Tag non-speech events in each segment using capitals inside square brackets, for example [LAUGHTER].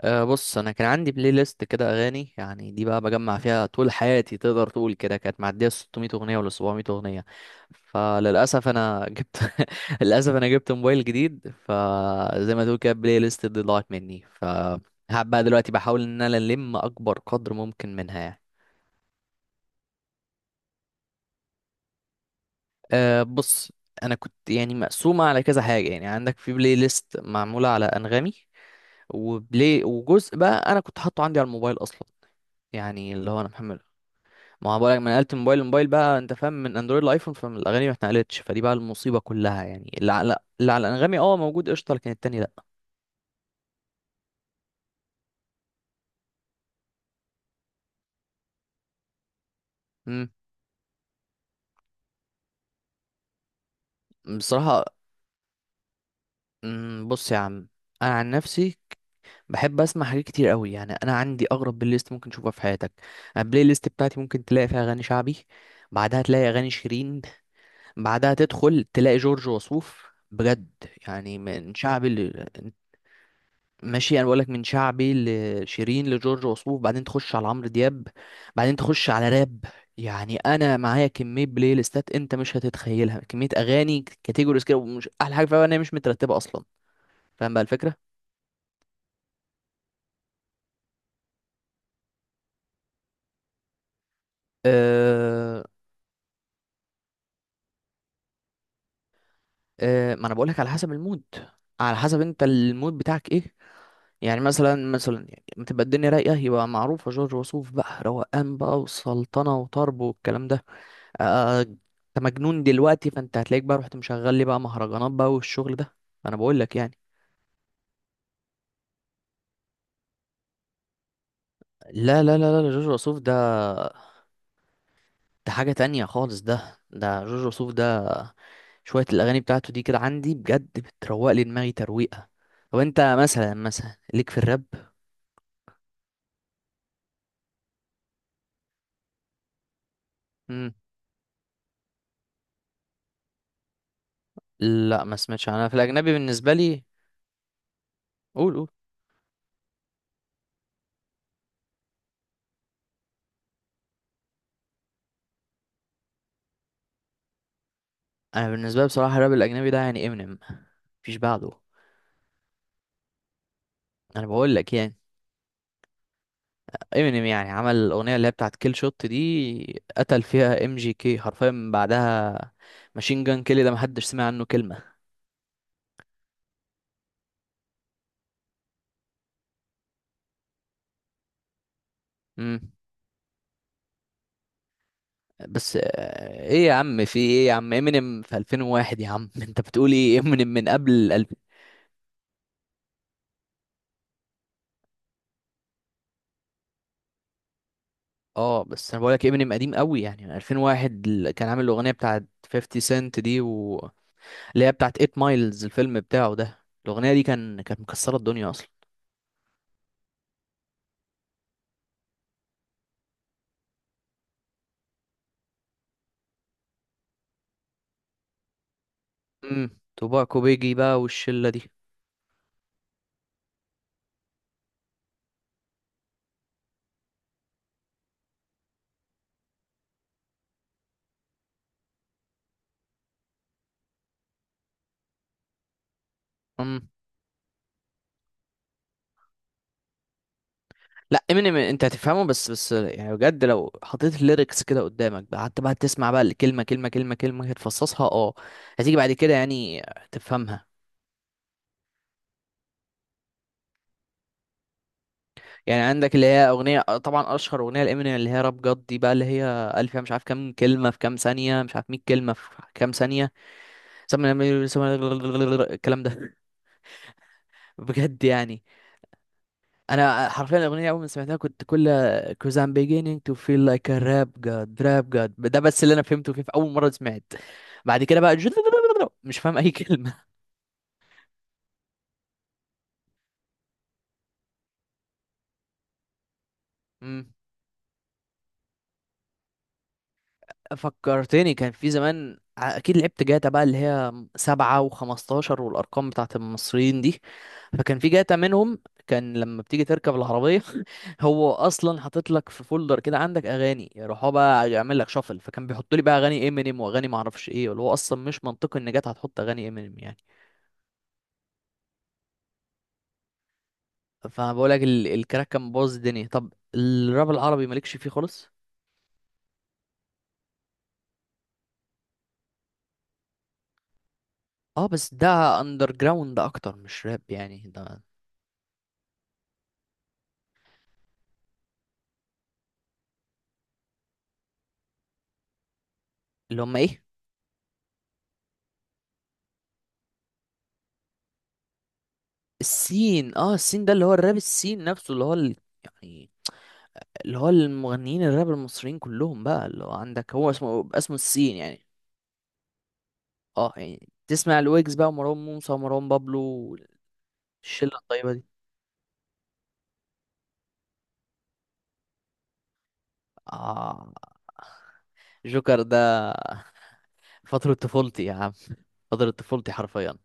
أه بص، انا كان عندي بلاي ليست كده اغاني. يعني دي بقى بجمع فيها طول حياتي، تقدر تقول كده. كانت معديه 600 اغنيه ولا 700 اغنيه. فللاسف انا جبت [LAUGHS] للاسف انا جبت موبايل جديد، فزي ما تقول كده البلاي ليست دي ضاعت مني. فهب بقى دلوقتي بحاول ان انا الم اكبر قدر ممكن منها يعني. أه بص، انا كنت يعني مقسومه على كذا حاجه. يعني عندك في بلاي ليست معموله على انغامي وبلاي، وجزء بقى انا كنت حاطه عندي على الموبايل اصلا. يعني اللي هو انا محمل. ما هو بقولك، ما نقلت من موبايل لموبايل بقى، انت فاهم، من اندرويد لايفون، فالاغاني ما اتنقلتش. فدي بقى المصيبه كلها. يعني اللي على انغامي اه موجود قشطه، لكن التاني لا. امم بصراحه، بص يا عم، انا عن نفسي بحب اسمع حاجات كتير قوي. يعني انا عندي اغرب بلاي ليست ممكن تشوفها في حياتك. أنا البلاي ليست بتاعتي ممكن تلاقي فيها اغاني شعبي، بعدها تلاقي اغاني شيرين، بعدها تدخل تلاقي جورج وسوف، بجد. يعني من شعبي، ماشي، انا بقولك، من شعبي لشيرين لجورج وسوف، بعدين تخش على عمرو دياب، بعدين تخش على راب. يعني انا معايا كميه بلاي ليستات انت مش هتتخيلها، كميه اغاني كاتيجوريز كده، ومش احلى حاجه فيها ان هي مش مترتبه اصلا. فاهم بقى الفكره. أه، أه، ما انا بقولك على حسب المود، على حسب انت المود بتاعك ايه. يعني مثلا مثلا، يعني لما تبقى الدنيا رايقه، يبقى معروفه جورج وسوف بقى، روقان بقى وسلطنه وطرب والكلام ده. انت مجنون دلوقتي، فانت هتلاقيك بقى رحت مشغل لي بقى مهرجانات بقى والشغل ده. انا بقول لك يعني. لا لا لا لا، جورج وسوف ده ده حاجة تانية خالص. ده جورج وسوف ده شوية الأغاني بتاعته دي كده عندي بجد بتروق لي دماغي ترويقة. طب أنت مثلا مثلا ليك في الراب؟ مم. لا ما سمعتش أنا في الأجنبي بالنسبة لي. قول قول. أنا بالنسبة لي بصراحة الراب الأجنبي ده يعني امينيم، مفيش بعده. أنا بقول لك يعني، امينيم يعني عمل الاغنيه اللي هي بتاعت كيل شوت دي، قتل فيها ام جي كي حرفيا. من بعدها ماشين جان كيلي ده محدش سمع عنه كلمه. امم، بس ايه يا عم، في ايه يا عم، امينيم في 2001 يا عم [LAUGHS] انت بتقول ايه، امينيم من قبل اه بس انا بقولك امينيم قديم قوي، يعني من 2001 اللي كان عامل الاغنيه بتاعت 50 سنت دي اللي هي بتاعت 8 مايلز الفيلم بتاعه ده. الاغنيه دي كانت مكسره الدنيا اصلا. امم، توباكو بيجي بقى والشله دي. لا، امينيم انت هتفهمه، بس بس يعني بجد لو حطيت الليركس كده قدامك بقى، قعدت بقى تسمع بقى الكلمه كلمه كلمه كلمه، هتفصصها، اه. هتيجي بعد كده يعني تفهمها. يعني عندك اللي هي اغنيه طبعا اشهر اغنيه لامينيم، اللي هي راب جاد دي بقى، اللي هي قال فيها مش عارف كام كلمه في كام ثانيه، مش عارف 100 كلمه في كام ثانيه. سم- الكلام ده [LAUGHS] بجد يعني. انا حرفيا الاغنيه اول ما سمعتها كنت كل cause I'm beginning to feel like a rap god rap god، ده بس اللي انا فهمته فيه في اول مره سمعت. بعد كده بقى [LAUGHS] مش فاهم اي كلمه. مم. فكرتني، كان في زمان اكيد لعبت جاتا بقى، اللي هي سبعة وخمستاشر والارقام بتاعت المصريين دي. فكان في جاتا منهم، كان لما بتيجي تركب العربية [LAUGHS] هو اصلا حاطط لك في فولدر كده عندك اغاني، يروح هو بقى يعمل لك شفل. فكان بيحط لي بقى اغاني امينيم واغاني معرفش ايه، اللي هو اصلا مش منطقي ان جاتا هتحط اغاني امينيم يعني. فبقول لك، الكراك كان باظ الدنيا. طب الراب العربي مالكش فيه خالص؟ اه بس ده اندر جراوند اكتر، مش راب يعني ده. اللي هم ايه؟ السين، اه السين ده اللي هو الراب. السين نفسه اللي هو يعني اللي هو المغنيين الراب المصريين كلهم بقى، اللي هو عندك هو اسمه اسمه السين يعني. اه يعني تسمع الويجز بقى ومروان موسى ومروان بابلو. الشلة الطيبة دي. اه، جوكر ده فترة طفولتي يا عم، فترة طفولتي حرفيا.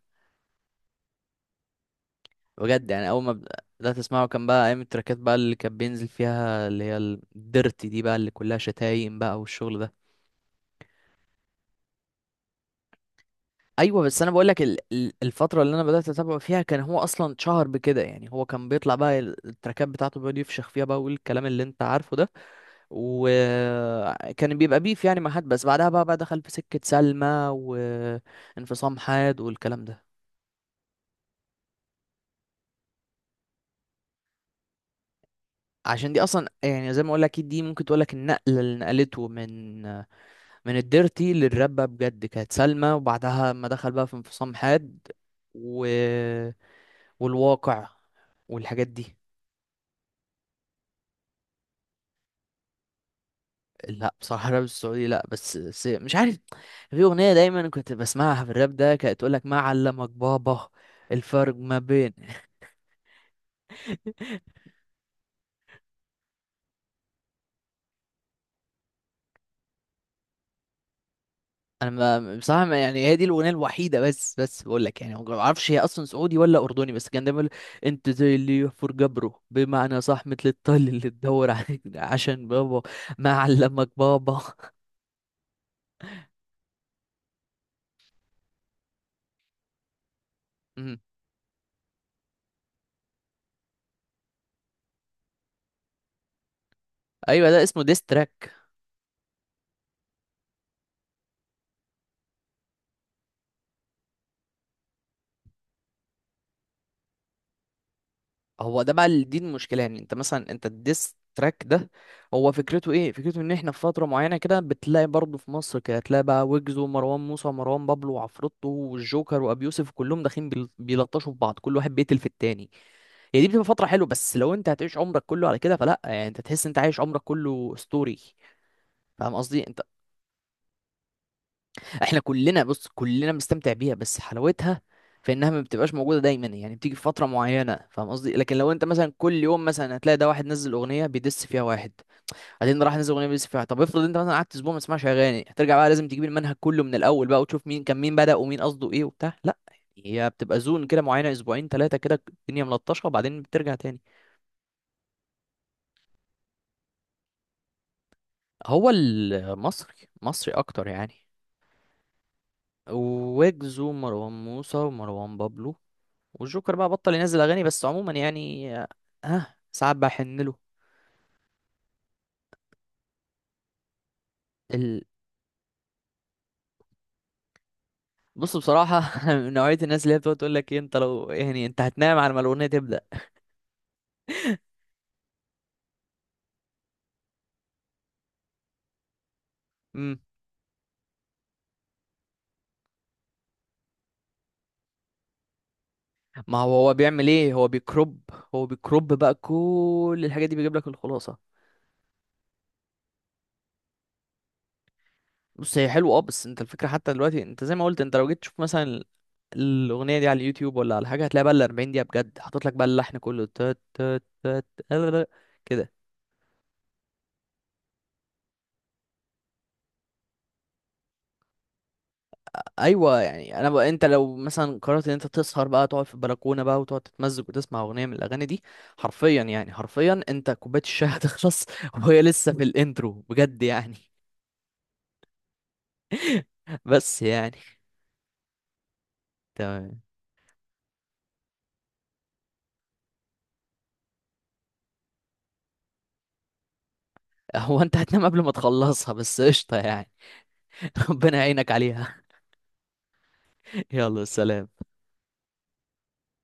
بجد يعني، أول ما بدأت أسمعه كان بقى أيام التراكات بقى، اللي كان بينزل فيها، اللي هي الديرتي دي بقى، اللي كلها شتايم بقى والشغل ده. ايوه، بس انا بقول لك الفتره اللي انا بدات اتابعه فيها، كان هو اصلا شهر بكده. يعني هو كان بيطلع بقى التراكات بتاعته، بيقعد يفشخ فيها بقى والكلام اللي انت عارفه ده. وكان بيبقى بيف يعني مع حد، بس بعدها بقى دخل في سكه سلمى، وانفصام حاد، والكلام ده. عشان دي اصلا، يعني زي ما اقول لك، دي ممكن تقول لك النقله اللي نقلته من الديرتي للراب بقى، بجد كانت سلمى. وبعدها ما دخل بقى في انفصام حاد، و... والواقع والحاجات دي. لا بصراحة الراب السعودي لا، بس، بس مش عارف، في أغنية دايما كنت بسمعها في الراب ده، كانت تقول لك ما علمك بابا. الفرق ما بين [LAUGHS] انا ما بصراحة ما يعني، هي دي الأغنية الوحيدة. بس بس بقول لك يعني ما اعرفش هي اصلا سعودي ولا أردني، بس كان دايما يقول انت زي اللي يحفر جبره بمعنى صح، مثل الطل اللي تدور عليك عشان بابا، ما علمك بابا [LAUGHS] أمم. ايوه ده اسمه ديستراك. هو ده بقى دي المشكله. يعني انت مثلا انت الديس تراك ده هو فكرته ايه؟ فكرته ان احنا في فتره معينه كده بتلاقي برضه في مصر كده، تلاقي بقى ويجز ومروان موسى ومروان بابلو وعفروتو والجوكر وابي يوسف كلهم داخلين بيلطشوا في بعض، كل واحد بيقتل في التاني. هي دي بتبقى فتره حلوه، بس لو انت هتعيش عمرك كله على كده فلا، يعني انت تحس انت عايش عمرك كله ستوري. فاهم قصدي انت؟ احنا كلنا، بص، كلنا بنستمتع بيها، بس حلاوتها في انها ما بتبقاش موجوده دايما. يعني بتيجي في فتره معينه، فاهم قصدي؟ لكن لو انت مثلا كل يوم مثلا هتلاقي ده واحد نزل اغنيه بيدس فيها واحد، بعدين راح نزل اغنيه بيدس فيها واحد. طب افرض انت مثلا قعدت اسبوع ما تسمعش اغاني، هترجع بقى لازم تجيب المنهج كله من الاول بقى، وتشوف مين كان مين، بدأ ومين قصده ايه وبتاع، لا. هي بتبقى زون كده معينه، اسبوعين ثلاثه كده الدنيا ملطشه وبعدين بترجع تاني. هو المصري، مصري اكتر يعني. ويجز ومروان موسى ومروان بابلو والجوكر بقى بطل ينزل اغاني، بس عموما يعني، ها، آه، ساعات بحن له. ال... بص بصراحه [LAUGHS] أنا من نوعيه الناس اللي هي بتقعد تقول لك إيه، انت لو يعني انت هتنام على ما الاغنيه تبدا. امم، ما هو هو بيعمل ايه، هو بيكروب، هو بيكروب بقى كل الحاجات دي، بيجيب لك الخلاصه. بص هي حلوه اه، بس انت الفكره، حتى دلوقتي انت زي ما قلت، انت لو جيت تشوف مثلا الاغنيه دي على اليوتيوب ولا على حاجه، هتلاقي بقى ال 40 دقيقه بجد حاطط لك بقى اللحن كله، تات تات تات، كده. ايوه يعني انا بقى، انت لو مثلا قررت ان انت تسهر بقى، تقعد في البلكونه بقى وتقعد تتمزج وتسمع اغنيه من الاغاني دي، حرفيا يعني حرفيا انت كوبايه الشاي هتخلص [LAUGHS] وهي لسه في الانترو، بجد يعني. بس يعني، تمام. هو انت هتنام قبل ما تخلصها، بس قشطه يعني [LAUGHS] ربنا يعينك عليها. [LAUGHS] يلا سلام.